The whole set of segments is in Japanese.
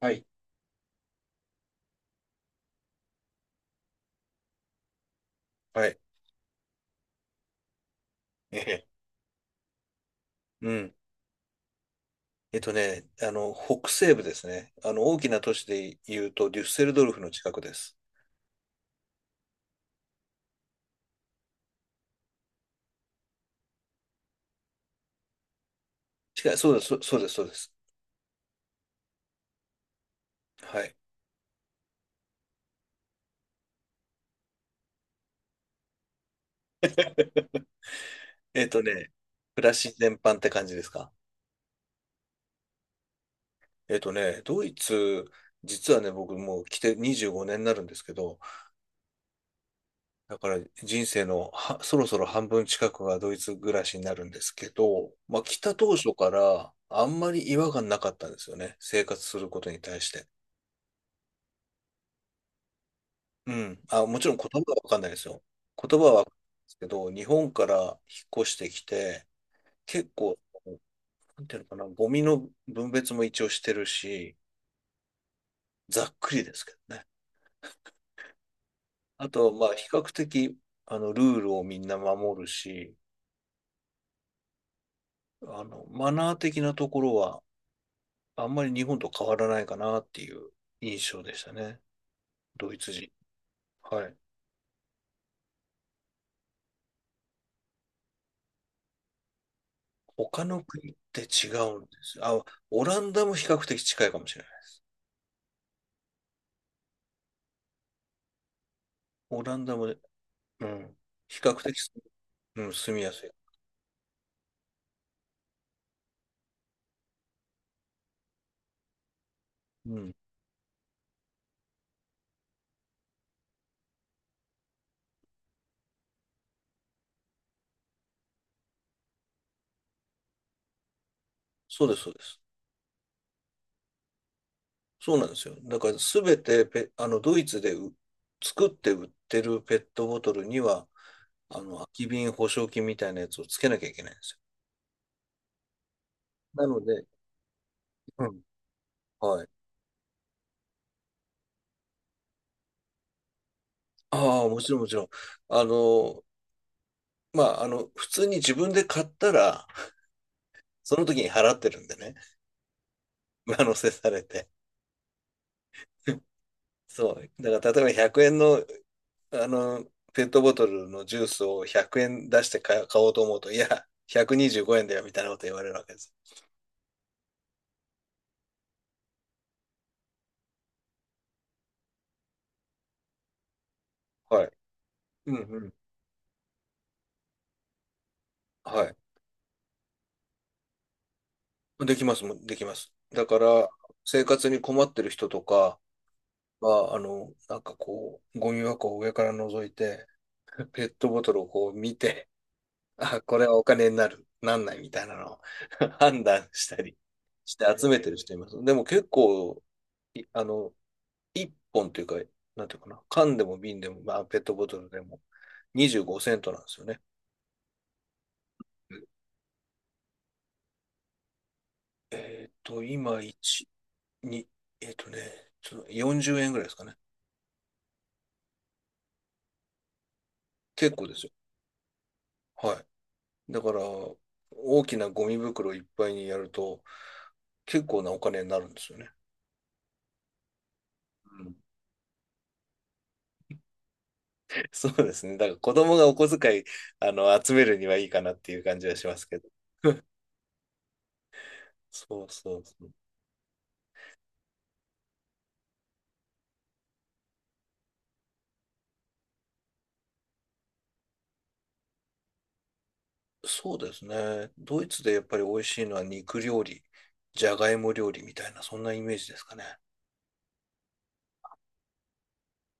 はい。はい。ええ。うん。北西部ですね。大きな都市で言うと、デュッセルドルフの近くです。近い、そうです、そうです、そうです。はい。えっとね、暮らし全般って感じですか？ドイツ、実はね、僕もう来て25年になるんですけど、だから人生のはそろそろ半分近くがドイツ暮らしになるんですけど、まあ来た当初からあんまり違和感なかったんですよね。生活することに対して。うん。あ、もちろん言葉はわかんないですよ。言葉はわかんないですけど、日本から引っ越してきて、結構、なんていうのかな、ゴミの分別も一応してるし、ざっくりですけどね。あと、まあ、比較的、ルールをみんな守るし、マナー的なところは、あんまり日本と変わらないかなっていう印象でしたね。ドイツ人。はい。他の国って違うんです。あ、オランダも比較的近いかもしれない。オランダもね、うん。比較的す、うん、住みやすい。うん。そうです、そうです。そうなんですよ。だから、すべてペ、ドイツで作って売ってるペットボトルには、空き瓶保証金みたいなやつをつけなきゃいけないんですよ。なので、うん。はい。ああ、もちろん、もちろん。あの、まあ、普通に自分で買ったら、その時に払ってるんでね、上乗せされて。そう。だから、例えば100円のあの、ペットボトルのジュースを100円出して買おうと思うと、いや、125円だよ、みたいなこと言われるわけです。はい。うんうん。はい。できますもん、できます。だから、生活に困ってる人とかは、なんかこう、ゴミ箱を上から覗いて、ペットボトルをこう見て、あ、これはお金になる、なんないみたいなのを 判断したりして集めてる人います。でも結構、いあの、一本というか、なんていうかな、缶でも瓶でも、まあ、ペットボトルでも25セントなんですよね。今、1、2、その40円ぐらいですかね。結構ですよ。はい。だから、大きなゴミ袋いっぱいにやると、結構なお金になるんですよね。うん。 そうですね。だから子供がお小遣い、集めるにはいいかなっていう感じはしますけど。そうそうそう。そうですね。ドイツでやっぱり美味しいのは肉料理、じゃがいも料理みたいな、そんなイメージですかね。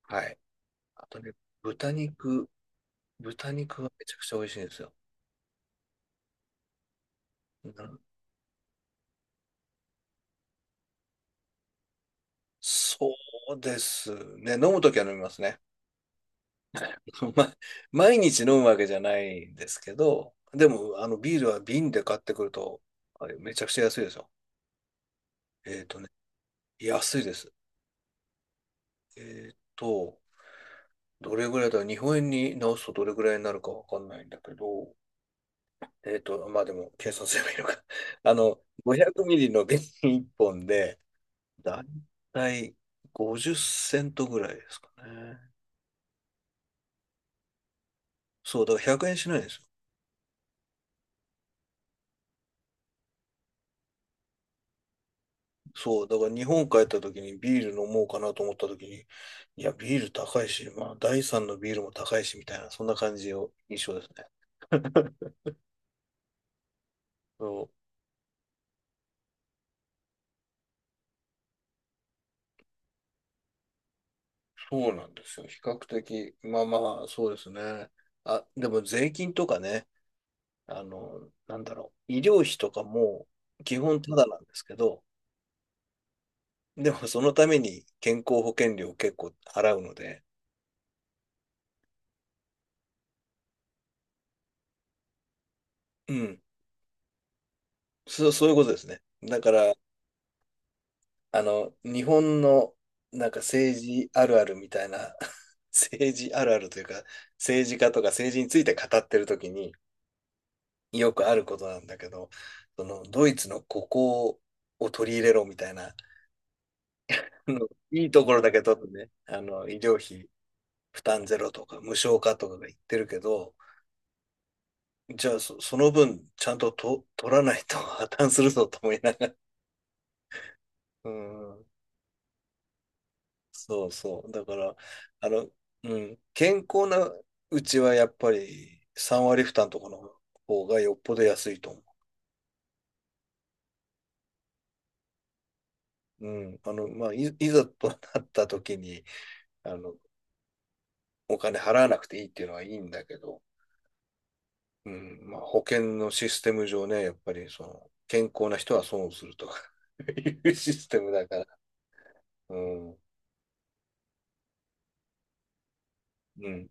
はい。あとね、豚肉、豚肉がめちゃくちゃ美味しいんですよ。うん、そうですね。飲むときは飲みますね。ま毎日飲むわけじゃないんですけど、でも、ビールは瓶で買ってくると、あれめちゃくちゃ安いですよ。えっとね、安いです。えっと、どれぐらいだ、日本円に直すとどれぐらいになるかわかんないんだけど、まあでも、計算すればいいのか。500ミリの瓶1本で、だいたい50セントぐらいですかね。そう、だから100円しないんですよ。そう、だから日本帰った時にビール飲もうかなと思った時に、いや、ビール高いし、まあ、第3のビールも高いし、みたいな、そんな感じを印象ですね。そう、そうなんですよ。比較的、まあまあ、そうですね。あ、でも税金とかね、なんだろう、医療費とかも基本ただなんですけど、でもそのために健康保険料を結構払うので、うん、そういうことですね。だから、日本のなんか政治あるあるみたいな、政治あるあるというか、政治家とか政治について語ってるときによくあることなんだけど、そのドイツのここを取り入れろみたいな、あのいいところだけ取ってね、医療費負担ゼロとか無償化とかが言ってるけど、じゃあその分ちゃんと取らないと破綻するぞと思いながら。うん、そうそう。だから、あの、うん、健康なうちはやっぱり3割負担とかの方がよっぽど安いと思う。うん、まあ、いざとなった時に、あの、お金払わなくていいっていうのはいいんだけど、うん、まあ、保険のシステム上ね、やっぱりその、健康な人は損をすると いうシステムだから、うん、うん、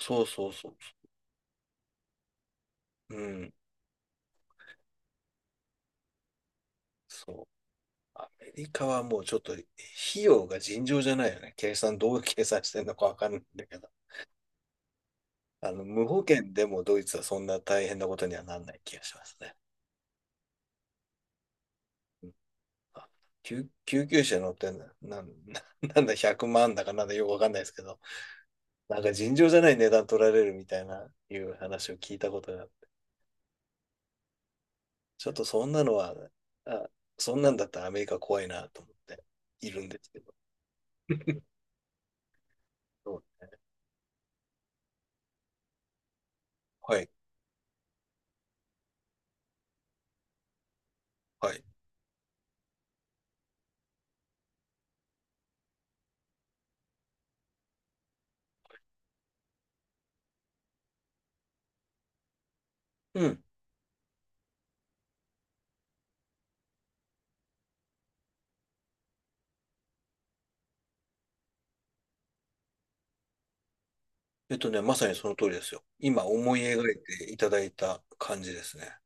そうそうそう。うん、そう。アメリカはもうちょっと費用が尋常じゃないよね。計算、どう計算してんのかわかんないんだけど。無保険でもドイツはそんな大変なことにはなんない気がしますね。うん、あ、救急車乗ってんだ、なんだ、100万だかなんだよくわかんないですけど、なんか尋常じゃない値段取られるみたいな、いう話を聞いたことがちょっとそんなのは、あ、そんなんだったらアメリカ怖いなと思っているんですけど。うん、はい。はい。うん。まさにその通りですよ。今思い描いていただいた感じですね。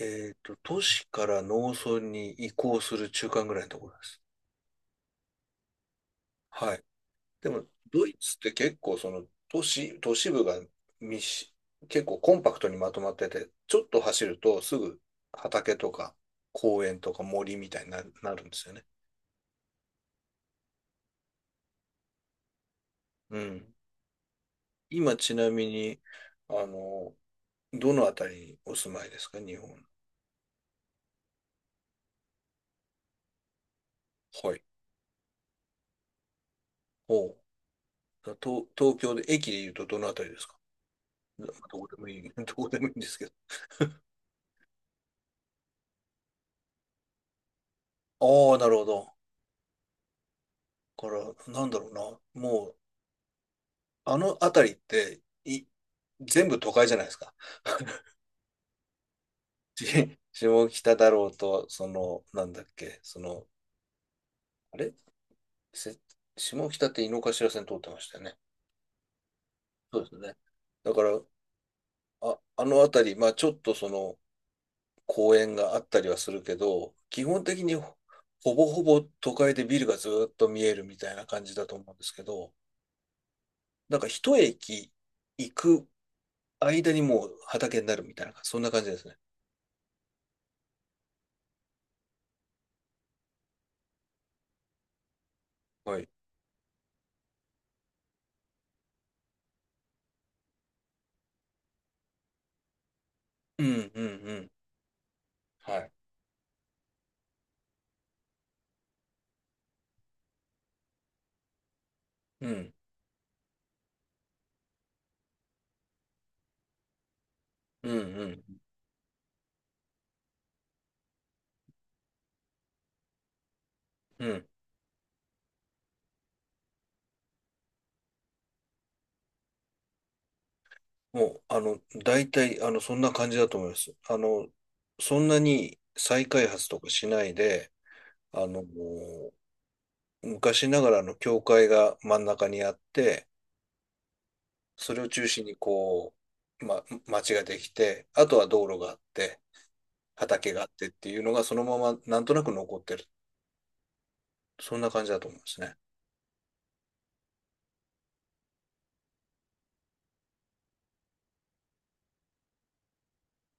都市から農村に移行する中間ぐらいのところです。はい。でも、ドイツって結構その都市部が密し、結構コンパクトにまとまってて、ちょっと走るとすぐ畑とか公園とか森みたいになるんですよね。うん。今ちなみに、あの、どのあたりにお住まいですか、日本？はい。お東京で、駅で言うとどのあたりですか？どどこでもいい、どこでもいいんですけど。ああ、なるほど。だから、なんだろうな。もう、あのあたりって、全部都会じゃないですか。下北だろうと、その、なんだっけ、その、あれせ下北って井の頭線通ってましたよね。そうですね。だから、あのあたり、まあちょっとその、公園があったりはするけど、基本的にほぼほぼ都会でビルがずっと見えるみたいな感じだと思うんですけど、なんか一駅行く間にもう畑になるみたいな、そんな感じですね。はい。うんうんうん。はい。うんうんうんうん。もう、大体、そんな感じだと思います。そんなに再開発とかしないで、もう昔ながらの教会が真ん中にあって、それを中心にこう、町ができて、あとは道路があって、畑があってっていうのがそのままなんとなく残ってる。そんな感じだと思うんですね。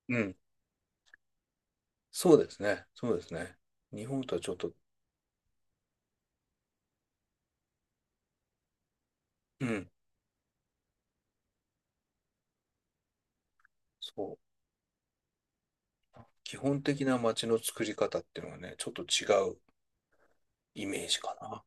うん。そうですね。そうですね。日本とはちょっと、うん。そう。基本的な町の作り方っていうのはね、ちょっと違うイメージかな。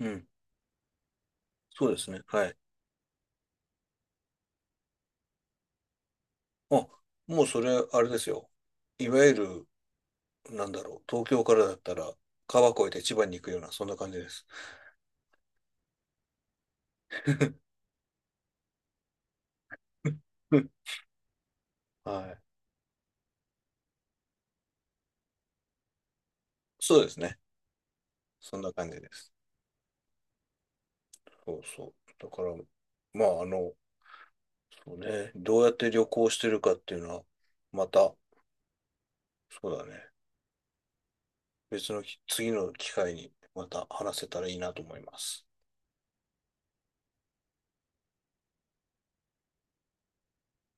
うん。そうですね。はい。あ、もうそれ、あれですよ。いわゆる、なんだろう、東京からだったら、川越えて千葉に行くような、そんな感じです。はい。そうですね。そんな感じです。そうそう。だから、まあ、そうね、どうやって旅行してるかっていうのは、また、そうだね、別のき次の機会にまた話せたらいいなと思います。